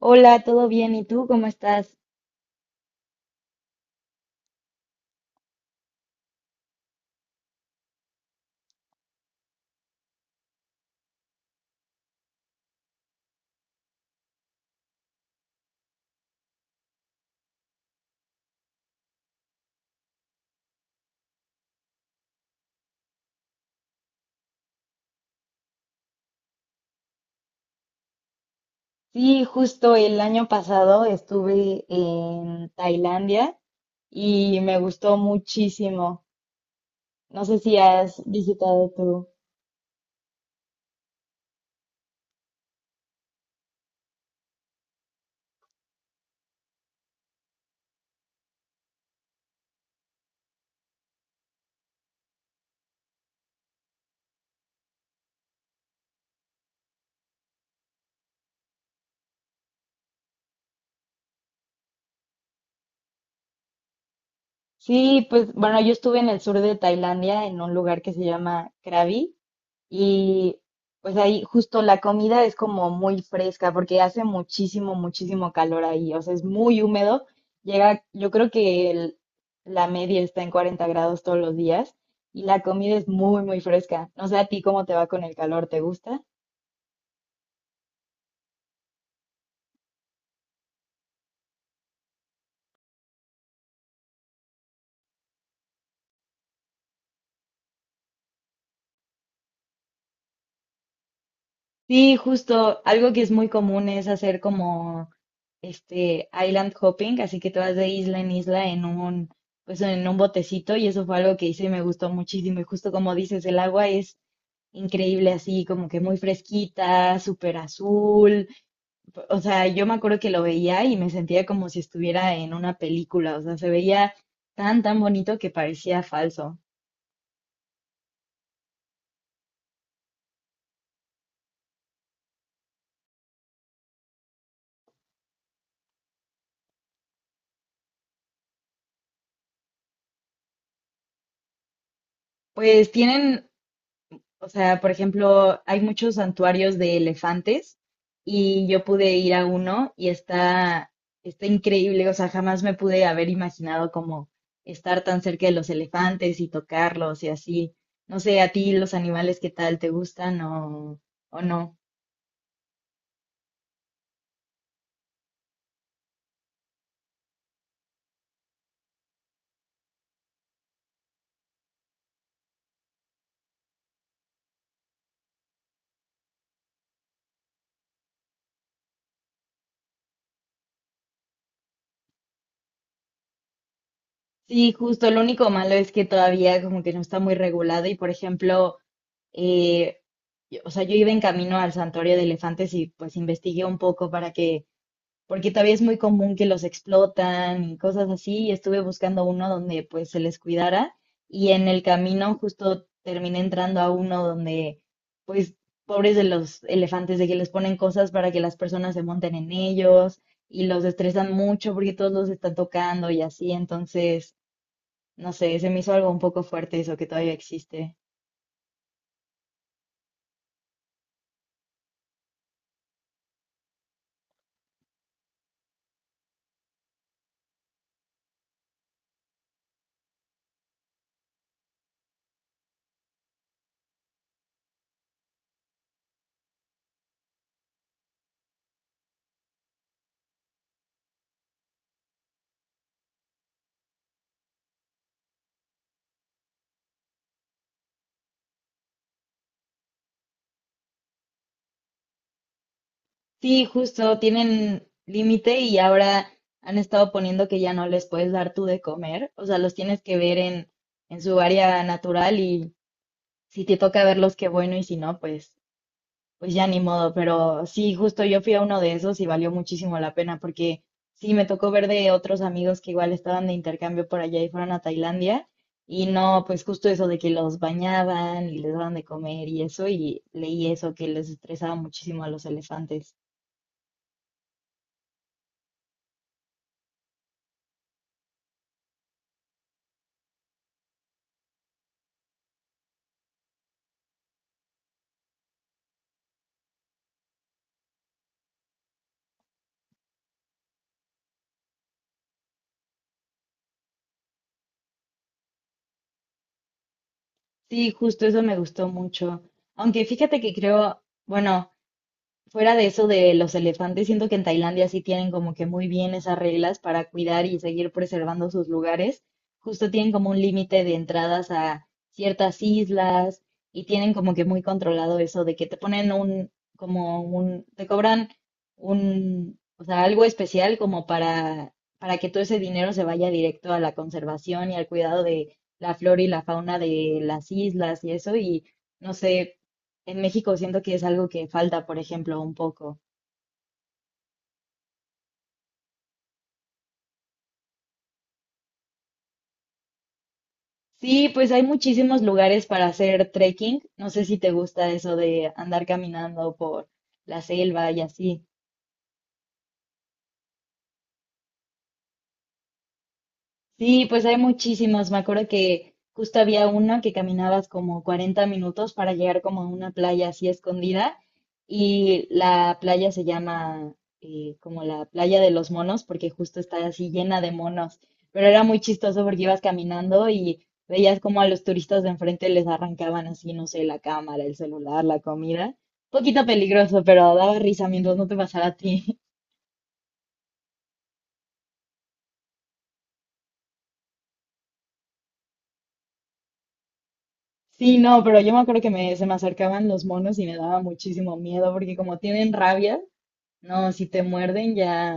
Hola, ¿todo bien? ¿Y tú cómo estás? Sí, justo el año pasado estuve en Tailandia y me gustó muchísimo. No sé si has visitado tú. Sí, pues bueno, yo estuve en el sur de Tailandia, en un lugar que se llama Krabi. Y pues ahí justo la comida es como muy fresca porque hace muchísimo, muchísimo calor ahí. O sea, es muy húmedo. Llega, yo creo que la media está en 40 grados todos los días y la comida es muy, muy fresca. No sé a ti cómo te va con el calor, ¿te gusta? Sí, justo, algo que es muy común es hacer como este island hopping, así que te vas de isla en isla en un, pues en un botecito, y eso fue algo que hice y me gustó muchísimo. Y justo como dices, el agua es increíble así, como que muy fresquita, súper azul. O sea, yo me acuerdo que lo veía y me sentía como si estuviera en una película. O sea, se veía tan, tan bonito que parecía falso. Pues tienen O sea, por ejemplo, hay muchos santuarios de elefantes y yo pude ir a uno y está increíble. O sea, jamás me pude haber imaginado como estar tan cerca de los elefantes y tocarlos y así. No sé, a ti los animales, ¿qué tal? ¿Te gustan o no? Sí, justo. Lo único malo es que todavía como que no está muy regulado y, por ejemplo, eh, o sea, yo iba en camino al santuario de elefantes y pues investigué un poco para que porque todavía es muy común que los explotan y cosas así, y estuve buscando uno donde pues se les cuidara, y en el camino justo terminé entrando a uno donde pues pobres de los elefantes, de que les ponen cosas para que las personas se monten en ellos y los estresan mucho porque todos los están tocando y así. Entonces, no sé, se me hizo algo un poco fuerte eso que todavía existe. Sí, justo, tienen límite y ahora han estado poniendo que ya no les puedes dar tú de comer. O sea, los tienes que ver en su área natural, y si te toca verlos, qué bueno, y si no, pues ya ni modo. Pero sí, justo yo fui a uno de esos y valió muchísimo la pena porque sí, me tocó ver de otros amigos que igual estaban de intercambio por allá y fueron a Tailandia, y no, pues justo eso de que los bañaban y les daban de comer y eso, y leí eso que les estresaba muchísimo a los elefantes. Sí, justo eso me gustó mucho. Aunque fíjate que creo, bueno, fuera de eso de los elefantes, siento que en Tailandia sí tienen como que muy bien esas reglas para cuidar y seguir preservando sus lugares. Justo tienen como un límite de entradas a ciertas islas, y tienen como que muy controlado eso de que te ponen un, como un, te cobran un, o sea, algo especial como para que todo ese dinero se vaya directo a la conservación y al cuidado de la flora y la fauna de las islas y eso. Y no sé, en México siento que es algo que falta, por ejemplo, un poco. Sí, pues hay muchísimos lugares para hacer trekking. No sé si te gusta eso de andar caminando por la selva y así. Sí, pues hay muchísimas. Me acuerdo que justo había una que caminabas como 40 minutos para llegar como a una playa así escondida, y la playa se llama como la playa de los monos, porque justo está así llena de monos. Pero era muy chistoso porque ibas caminando y veías como a los turistas de enfrente les arrancaban así, no sé, la cámara, el celular, la comida. Un poquito peligroso, pero daba risa mientras no te pasara a ti. Sí, no, pero yo me acuerdo que se me acercaban los monos y me daba muchísimo miedo porque como tienen rabia, no, si te muerden ya...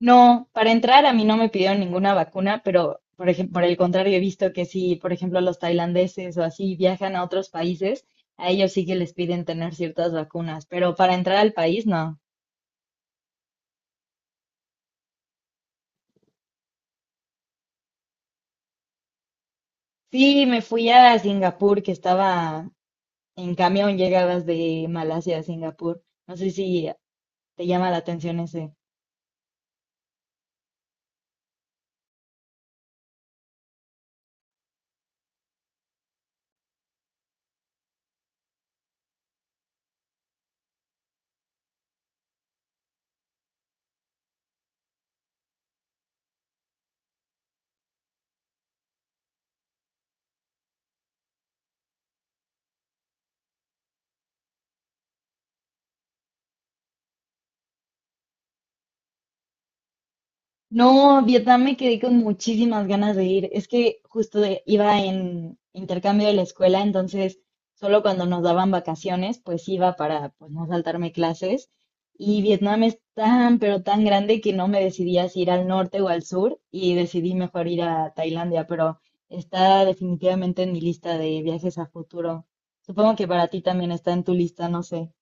No, para entrar a mí no me pidieron ninguna vacuna, pero por ejemplo, por el contrario, he visto que si, por ejemplo, los tailandeses o así viajan a otros países, a ellos sí que les piden tener ciertas vacunas, pero para entrar al país no. Sí, me fui a Singapur, que estaba en camión. Llegabas de Malasia a Singapur. No sé si te llama la atención ese. No, Vietnam me quedé con muchísimas ganas de ir. Es que justo iba en intercambio de la escuela, entonces solo cuando nos daban vacaciones, pues iba para pues no saltarme clases. Y Vietnam es tan, pero tan grande, que no me decidía si ir al norte o al sur, y decidí mejor ir a Tailandia, pero está definitivamente en mi lista de viajes a futuro. Supongo que para ti también está en tu lista, no sé.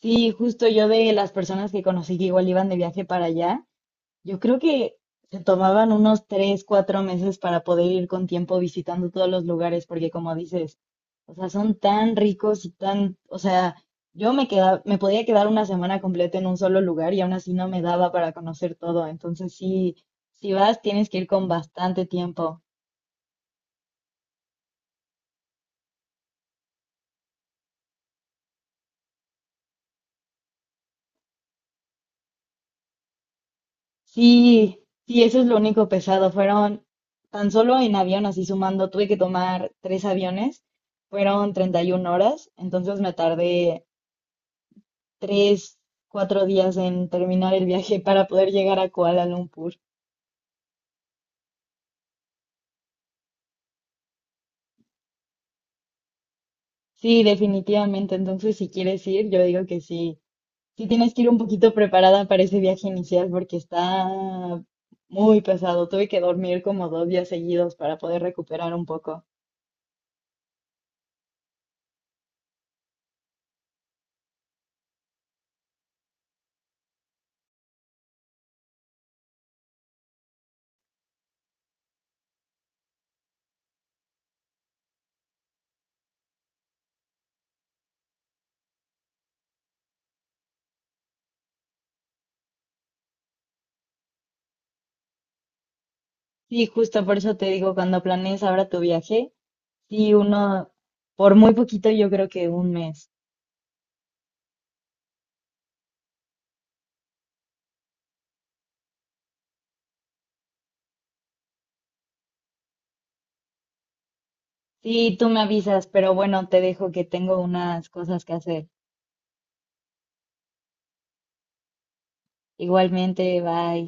Sí, justo yo de las personas que conocí que igual iban de viaje para allá. Yo creo que se tomaban unos 3, 4 meses para poder ir con tiempo visitando todos los lugares, porque como dices, o sea, son tan ricos y tan, o sea, yo me quedaba, me podía quedar una semana completa en un solo lugar y aún así no me daba para conocer todo. Entonces sí, si vas, tienes que ir con bastante tiempo. Sí, sí, eso es lo único pesado. Fueron tan solo en avión, así sumando, tuve que tomar tres aviones, fueron 31 horas, entonces me tardé 3, 4 días en terminar el viaje para poder llegar a Kuala Lumpur. Sí, definitivamente. Entonces, si quieres ir, yo digo que sí. Sí tienes que ir un poquito preparada para ese viaje inicial porque está muy pesado. Tuve que dormir como 2 días seguidos para poder recuperar un poco. Sí, justo por eso te digo, cuando planees ahora tu viaje, sí, uno, por muy poquito, yo creo que un mes. Sí, tú me avisas, pero bueno, te dejo que tengo unas cosas que hacer. Igualmente, bye.